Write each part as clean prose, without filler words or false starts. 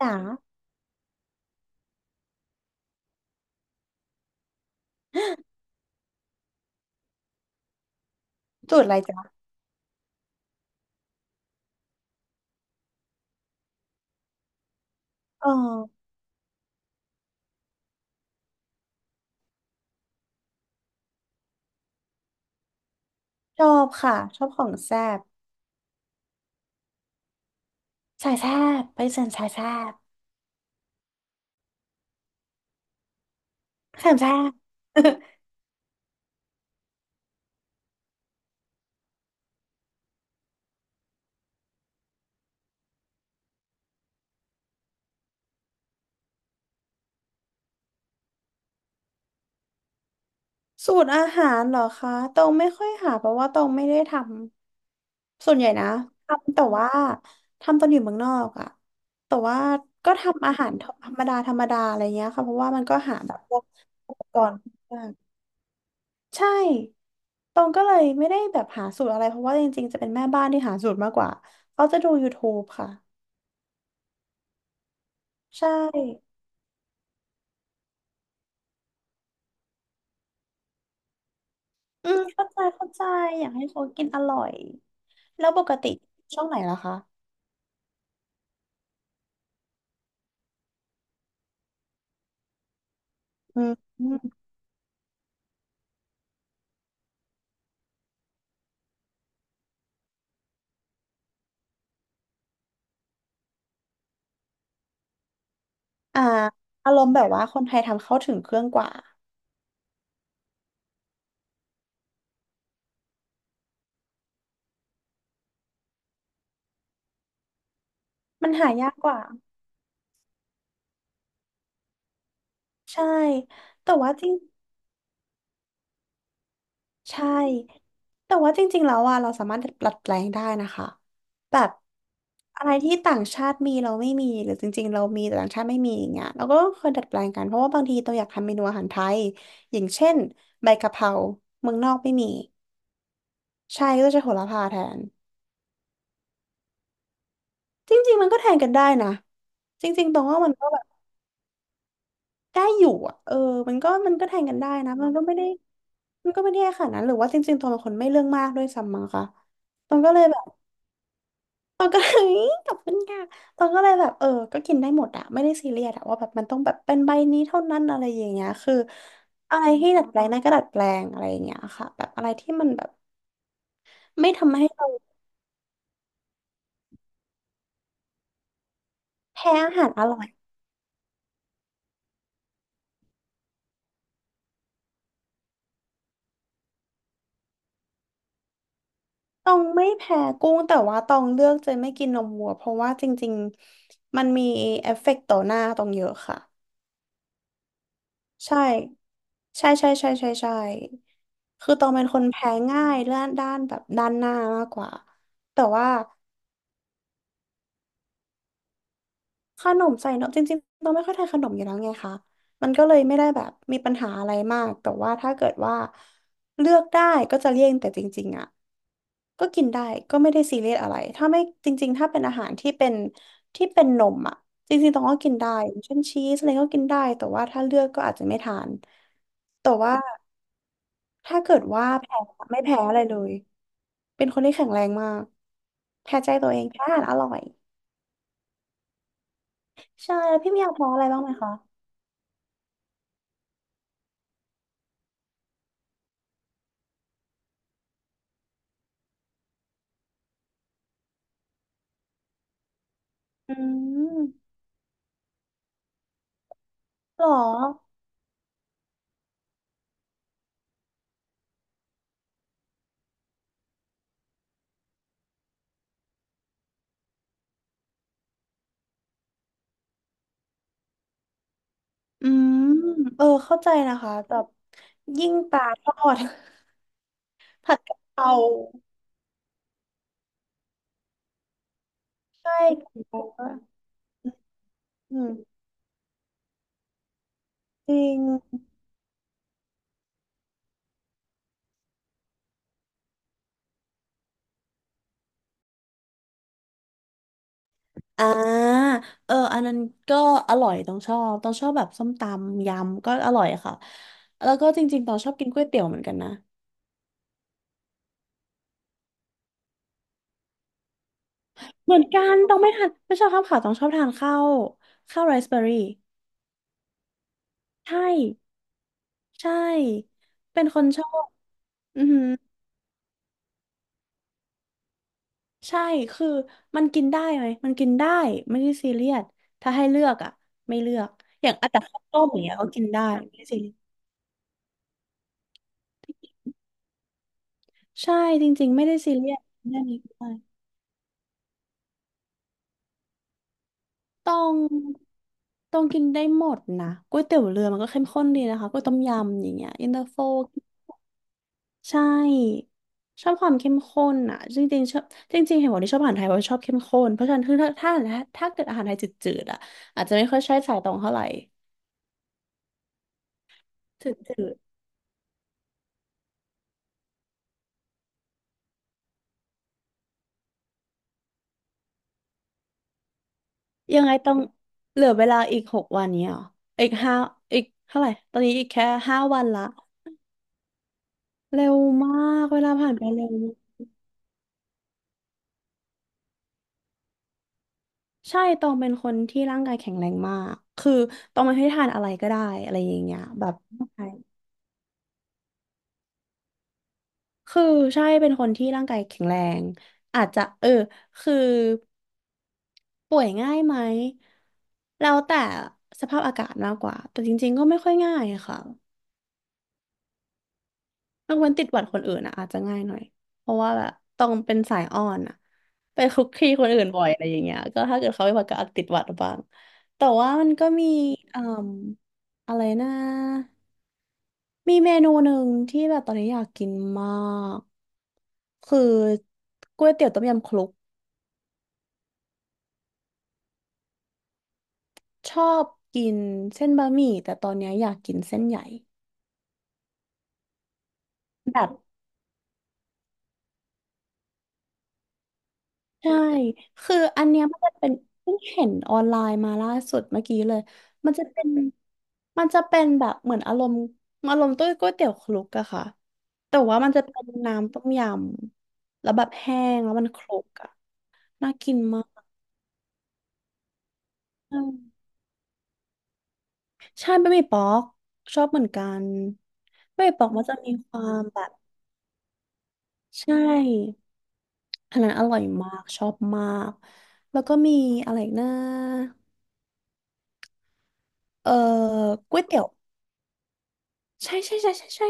จ๋า จูดอะไรจ๋าอ๋อชอบค่ะชอบของแซ่บสายแซ่บไปเซิร์นสายแซ่บแซ่บแซ่บ สูตรอาหารเหรอคะตองไม่ค่อยหาเพราะว่าตองไม่ได้ทำส่วนใหญ่นะทำแต่ว่าทำตอนอยู่เมืองนอกอะแต่ว่าก็ทำอาหารธรรมดาธรรมดาอะไรเงี้ยค่ะเพราะว่ามันก็หาแบบพวกอุปกรณ์มากใช่ตองก็เลยไม่ได้แบบหาสูตรอะไรเพราะว่าจริงๆจะเป็นแม่บ้านที่หาสูตรมากกว่าเขาจะดู YouTube ค่ะใช่ อืมเข้าใจเข้าใจอยากให้เขากินอร่อยแล้วปกติช่องไหนล่ะคะอืมอมอ่าอารมณ์แบบว่าคนไทยทำเข้าถึงเครื่องกว่ามันหายากกว่าใช่แต่ว่าจริงใช่แต่ว่าจริงๆแล้วอ่ะเราสามารถดัดแปลงได้นะคะแบบอะไรที่ต่างชาติมีเราไม่มีหรือจริงๆเรามีแต่ต่างชาติไม่มีอย่างเงี้ยเราก็เคยดัดแปลงกันเพราะว่าบางทีตัวอยากทำเมนูอาหารไทยอย่างเช่นใบกะเพราเมืองนอกไม่มีใช่ก็จะใช้โหระพาแทน จริงๆมันก็แทนกันได้นะจริงๆตรงว่ามันก็แบบได้อยู่อ่ะเออมันก็แทนกันได้นะมันก็ไม่ได้มันก็ไม่ได้ขนาดนั้นหรือว่าจริงๆตรงเป็นคนไม่เรื่องมากด้วยซ้ำมั้งคะตรงก็เลยแบบตรงก็ เลย ขอบคุณค่ะตรงก็เลยแบบเออก็กินได้หมดอ่ะไม่ได้ซีเรียสอ่ะว่าแบบมันต้องแบบเป็นใบนี้เท่านั้นอะไรอย่างเงี้ยคืออะไรที่ดัดแปลงได้ก็ดัดแปลงอะไรอย่างเงี้ยค่ะแบบอะไรที่มันแบบไม่ทำให้เราแพ้อาหารอร่อย ตองไม่แพ้กุ้งแต่ว่าตองเลือกจะไม่กินนมวัวเพราะว่าจริงๆมันมีเอฟเฟกต์ต่อหน้าตองเยอะค่ะใช่ใช่ใช่ใช่ใช่ใช่คือตองเป็นคนแพ้ง่ายเรื่องด้านแบบด้านหน้ามากกว่าแต่ว่า ขนมใส่นมจริงๆเราไม่ค่อยทานขนมอยู่แล้วไงคะมันก็เลยไม่ได้แบบมีปัญหาอะไรมากแต่ว่าถ้าเกิดว่าเลือกได้ก็จะเลี่ยงแต่จริงๆอ่ะก็กินได้ก็ไม่ได้ซีเรียสอะไรถ้าไม่จริงๆถ้าเป็นอาหารที่เป็นที่เป็นนมอ่ะจริงๆต้องก็กินได้อย่างเช่นชีสอะไรก็กินได้แต่ว่าถ้าเลือกก็อาจจะไม่ทานแต่ว่าถ้าเกิดว่าแพ้ไม่แพ้อะไรเลยเป็นคนที่แข็งแรงมากแพ้ใจตัวเองแพ้อาหารอร่อยใช่แล้วพี่มีอยากแพ้อะไรบ้างไหมคะ อืมหรออืมเออ เข้าใจนะคะแบบยิ่งปลาทอด ผัดกะเพราใช่กะเพราอะอืมจริงอ่าเอออันนั้นก็อร่อยต้องชอบ ต้องชอบแบบส้มตำยำก็อร่อยค่ะ แล้วก็จริงๆต้องชอบกินก๋วยเตี๋ยวเหมือนกันนะ เหมือนกัน ต้องไม่ทานไม่ชอบข้าวขาวต้องชอบทานข้าวข้าวไรซ์เบอร์รี่ใช่ใช่เป็นคนชอบอือหือ ใช่ คือมันกินได้ไหมมันกินได้ไม่ได้ซีเรียสถ้าให้เลือกอ่ะไม่เลือก อย่างอ่ะแต่ข้าวต้มอย่างเงี้ยก็กินได้ไม่ได้ซีเรียสใช่จริงๆไม่ได้ซีเรียสเรื่องนี้ก็ได้ต้องกินได้หมดนะก๋วยเตี๋ยวเรือมันก็เข้มข้นดีนะคะก๋วยต้มยำอย่างเงี้ยอินเตอร์โฟใช่ชอบความเข้มข้นอ่ะจริงๆชอบจริงๆเห็นบอกที่ชอบอาหารไทยเพราะชอบเข้มข้นเพราะฉะนั้นคือถ้าถ้าเกิดอาหารไทยจืดๆอ่ะอาจจะไม่ค่อยใช่สายตรงเท่าไหร่จืดๆ ยังไงต้องเหลือเวลาอีก6 วันเนี้ยเหรออีกห้าอีกเท่าไหร่ตอนนี้อีกแค่5 วันละเร็วมากเวลาผ่านไปเร็วใช่ตองเป็นคนที่ร่างกายแข็งแรงมากคือตองไม่ให้ทานอะไรก็ได้อะไรอย่างเงี้ยแบบใช่คือใช่เป็นคนที่ร่างกายแข็งแรงอาจจะเออคือป่วยง่ายไหมแล้วแต่สภาพอากาศมากกว่าแต่จริงๆก็ไม่ค่อยง่ายอะค่ะ ยกเว้นติดหวัดคนอื่นอ่ะอาจจะง่ายหน่อยเพราะว่าแบบต้องเป็นสายอ้อนอ่ะไปคุกคีคนอื่นบ่อยอะไรอย่างเงี้ยก็ถ้าเกิดเขาเป็นหวัดก็อาจติดหวัดบ้างแต่ว่ามันก็มีอ่มอะไรนะมีเมนูหนึ่งที่แบบตอนนี้อยากกินมากคือก๋วยเตี๋ยวต้มยำคลุกชอบกินเส้นบะหมี่แต่ตอนนี้อยากกินเส้นใหญ่แบบ ใช่ คืออันเนี้ยมันจะเป็นเพิ่งเห็นออนไลน์มาล่าสุดเมื่อกี้เลยมันจะเป็นมันจะเป็นแบบเหมือนอารมณ์ต้วยก๋วยเตี๋ยวคลุกอะค่ะแต่ว่ามันจะเป็นน้ำต้มยำแล้วแบบแห้งแล้วมันคลุกอะน่ากินมากใช่ใช่บะหมี่ป๊อกชอบเหมือนกันบะหมี่ป๊อกมันจะมีความแบบใช่อันนั้นอร่อยมากชอบมาก แล้วก็มีอะไรอีกนะเอ่อก๋วยเตี๋ยว ใช่ใช่ใช่ใช่ใช่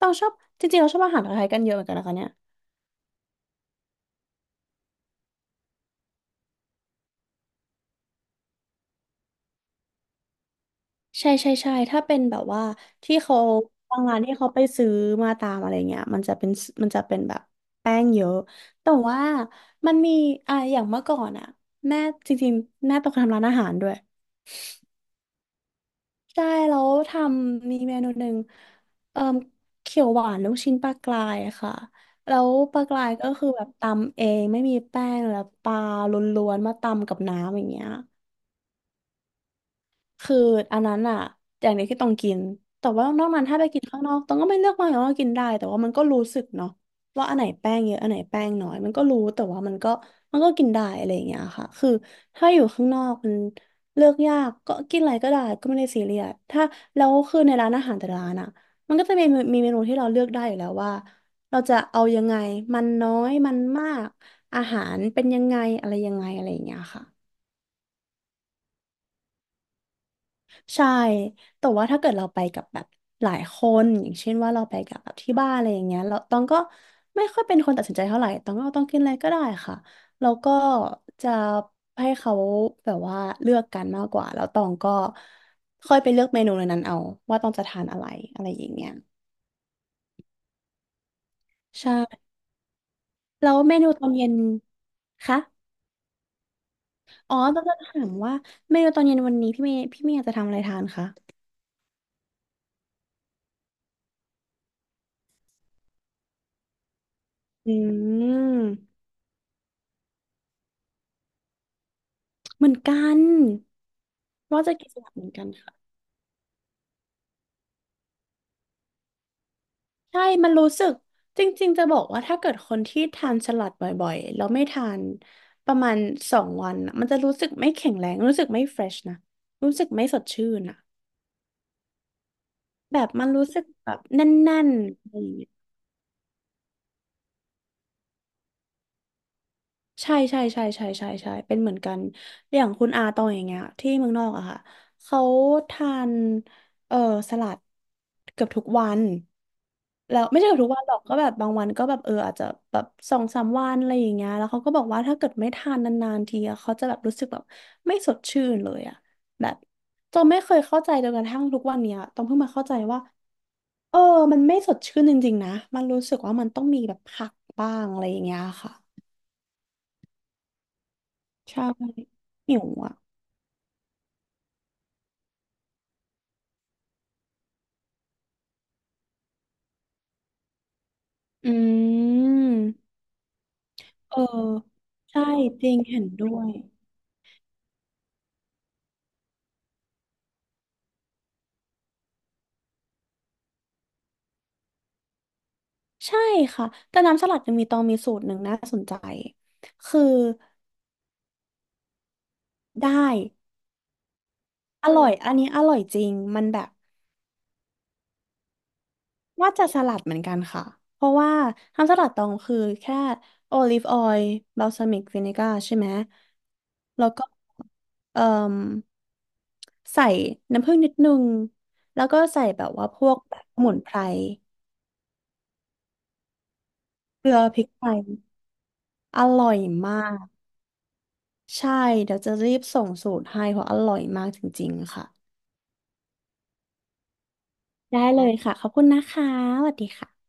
เราชอบจริงๆเราชอบอาหารไทยกันเยอะเหมือนกันนะคะเนี่ยใช่ใช่ใช่ถ้าเป็นแบบว่าที่เขาบางร้านที่เขาไปซื้อมาตามอะไรเงี้ยมันจะเป็นแบบแป้งเยอะแต่ว่ามันมีอ่ะอย่างเมื่อก่อนอ่ะแม่จริงๆแม่ต้องทำร้านอาหารด้วยใช่แล้วทำมีเมนูหนึ่งเอ่อเขียวหวานลูกชิ้นปลากรายค่ะแล้วปลากรายก็คือแบบตำเองไม่มีแป้งแล้วปลาล้วนๆมาตำกับน้ำอย่างเงี้ย คืออันนั้นอะอย่างเดียวที่ต้องกิน แต่ว่านอกนั้นถ้าไปกินข้างนอกต้องก็ไม่เลือกมากหนางว่ากินได้ แต่ว่ามันก็รู้สึกเนาะว่าอันไหนแป้งเยอะอันไหนแป้งน้อยมันก็รู้แต่ว่ามันก็กินได้อะไรอย่างเงี้ยค่ะ คือถ้าอยู่ข้างนอกมันเลือกยากก็กินอะไรก็ได้ก็ไม่ได้ซีเรียสถ้าแล้วคือในร้านอาหารแต่ละร้านอะมันก็จะมีมีเมนูที่เราเลือกได้อยู่แล้วว่าเราจะเอายังไงมันน้อยมันมากอาหารเป็นยังไงอะไรยังไงอะไรอย่างเงี้ยค่ะ ใช่แต่ว่าถ้าเกิดเราไปกับแบบหลายคนอย่างเช่นว่าเราไปกับแบบที่บ้านอะไรอย่างเงี้ยเราตองก็ไม่ค่อยเป็นคนตัดสินใจเท่าไหร่ตองก็เอาต้องกินอะไรก็ได้ค่ะแล้วก็จะให้เขาแบบว่าเลือกกันมากกว่าแล้วตองก็ค่อยไปเลือกเมนูในนั้นเอาว่าต้องจะทานอะไรอะไรอย่างเงี้ยใช่แล้วเมนูตอนเย็นคะอ๋อต้องจะถามว่าเมนูตอนเย็นวันนี้พี่เมย์จะทำอะไรทานคะอืม เหมือนกันว่าจะกินสลัดเหมือนกันค่ะใช่มันรู้สึกจริงๆจะบอกว่าถ้าเกิดคนที่ทานสลัดบ่อยๆแล้วไม่ทานประมาณสองวันน่ะมันจะรู้สึกไม่แข็งแรงรู้สึกไม่เฟรชนะรู้สึกไม่สดชื่นอะแบบมันรู้สึกแบบแน่นๆอะไรอย่างเงี้ยใช่ใช่ใช่ใช่ใช่ใช่เป็นเหมือนกันอย่างคุณอาตองอย่างเงี้ยที่เมืองนอกอะค่ะเขาทานเออสลัดเกือบทุกวัน แล้วไม่ใช่กับทุกวันหรอกก็แบบบางวันก็แบบเอออาจจะแบบสองสามวันอะไรอย่างเงี้ยแล้วเขาก็บอกว่าถ้าเกิดไม่ทานนานๆทีอะเขาจะแบบรู้สึกแบบไม่สดชื่นเลยอะแบบจนไม่เคยเข้าใจจนกระทั่งทุกวันเนี้ยต้องเพิ่งมาเข้าใจว่าเออมันไม่สดชื่นจริงๆนะมันรู้สึกว่ามันต้องมีแบบผักบ้างอะไรอย่างเงี้ยค่ะใช่หิวอ่ะอืมเออใช่จริงเห็นด้วยใช่ค่ะแต่น้ำสลัดยังมีตองมีสูตรหนึ่งน่าสนใจคือ ได้อร่อยอันนี้อร่อยจริง มันแบบว่าจะสลัดเหมือนกันค่ะ เพราะว่าทำสลัดตองคือแค่โอลิฟออยล์บาลซามิกวินิก้าใช่ไหมแล้วก็เอ่มใส่น้ำผึ้งนิดนึงแล้วก็ใส่แบบว่าพวกแบบสมุนไพรเกลือพริกไทยอร่อยมากใช่เดี๋ยวจะรีบส่งสูตรให้เพราะอร่อยมากจริงๆค่ะได้เลยค่ะขอบคุณนะคะสวัสดีค่ะ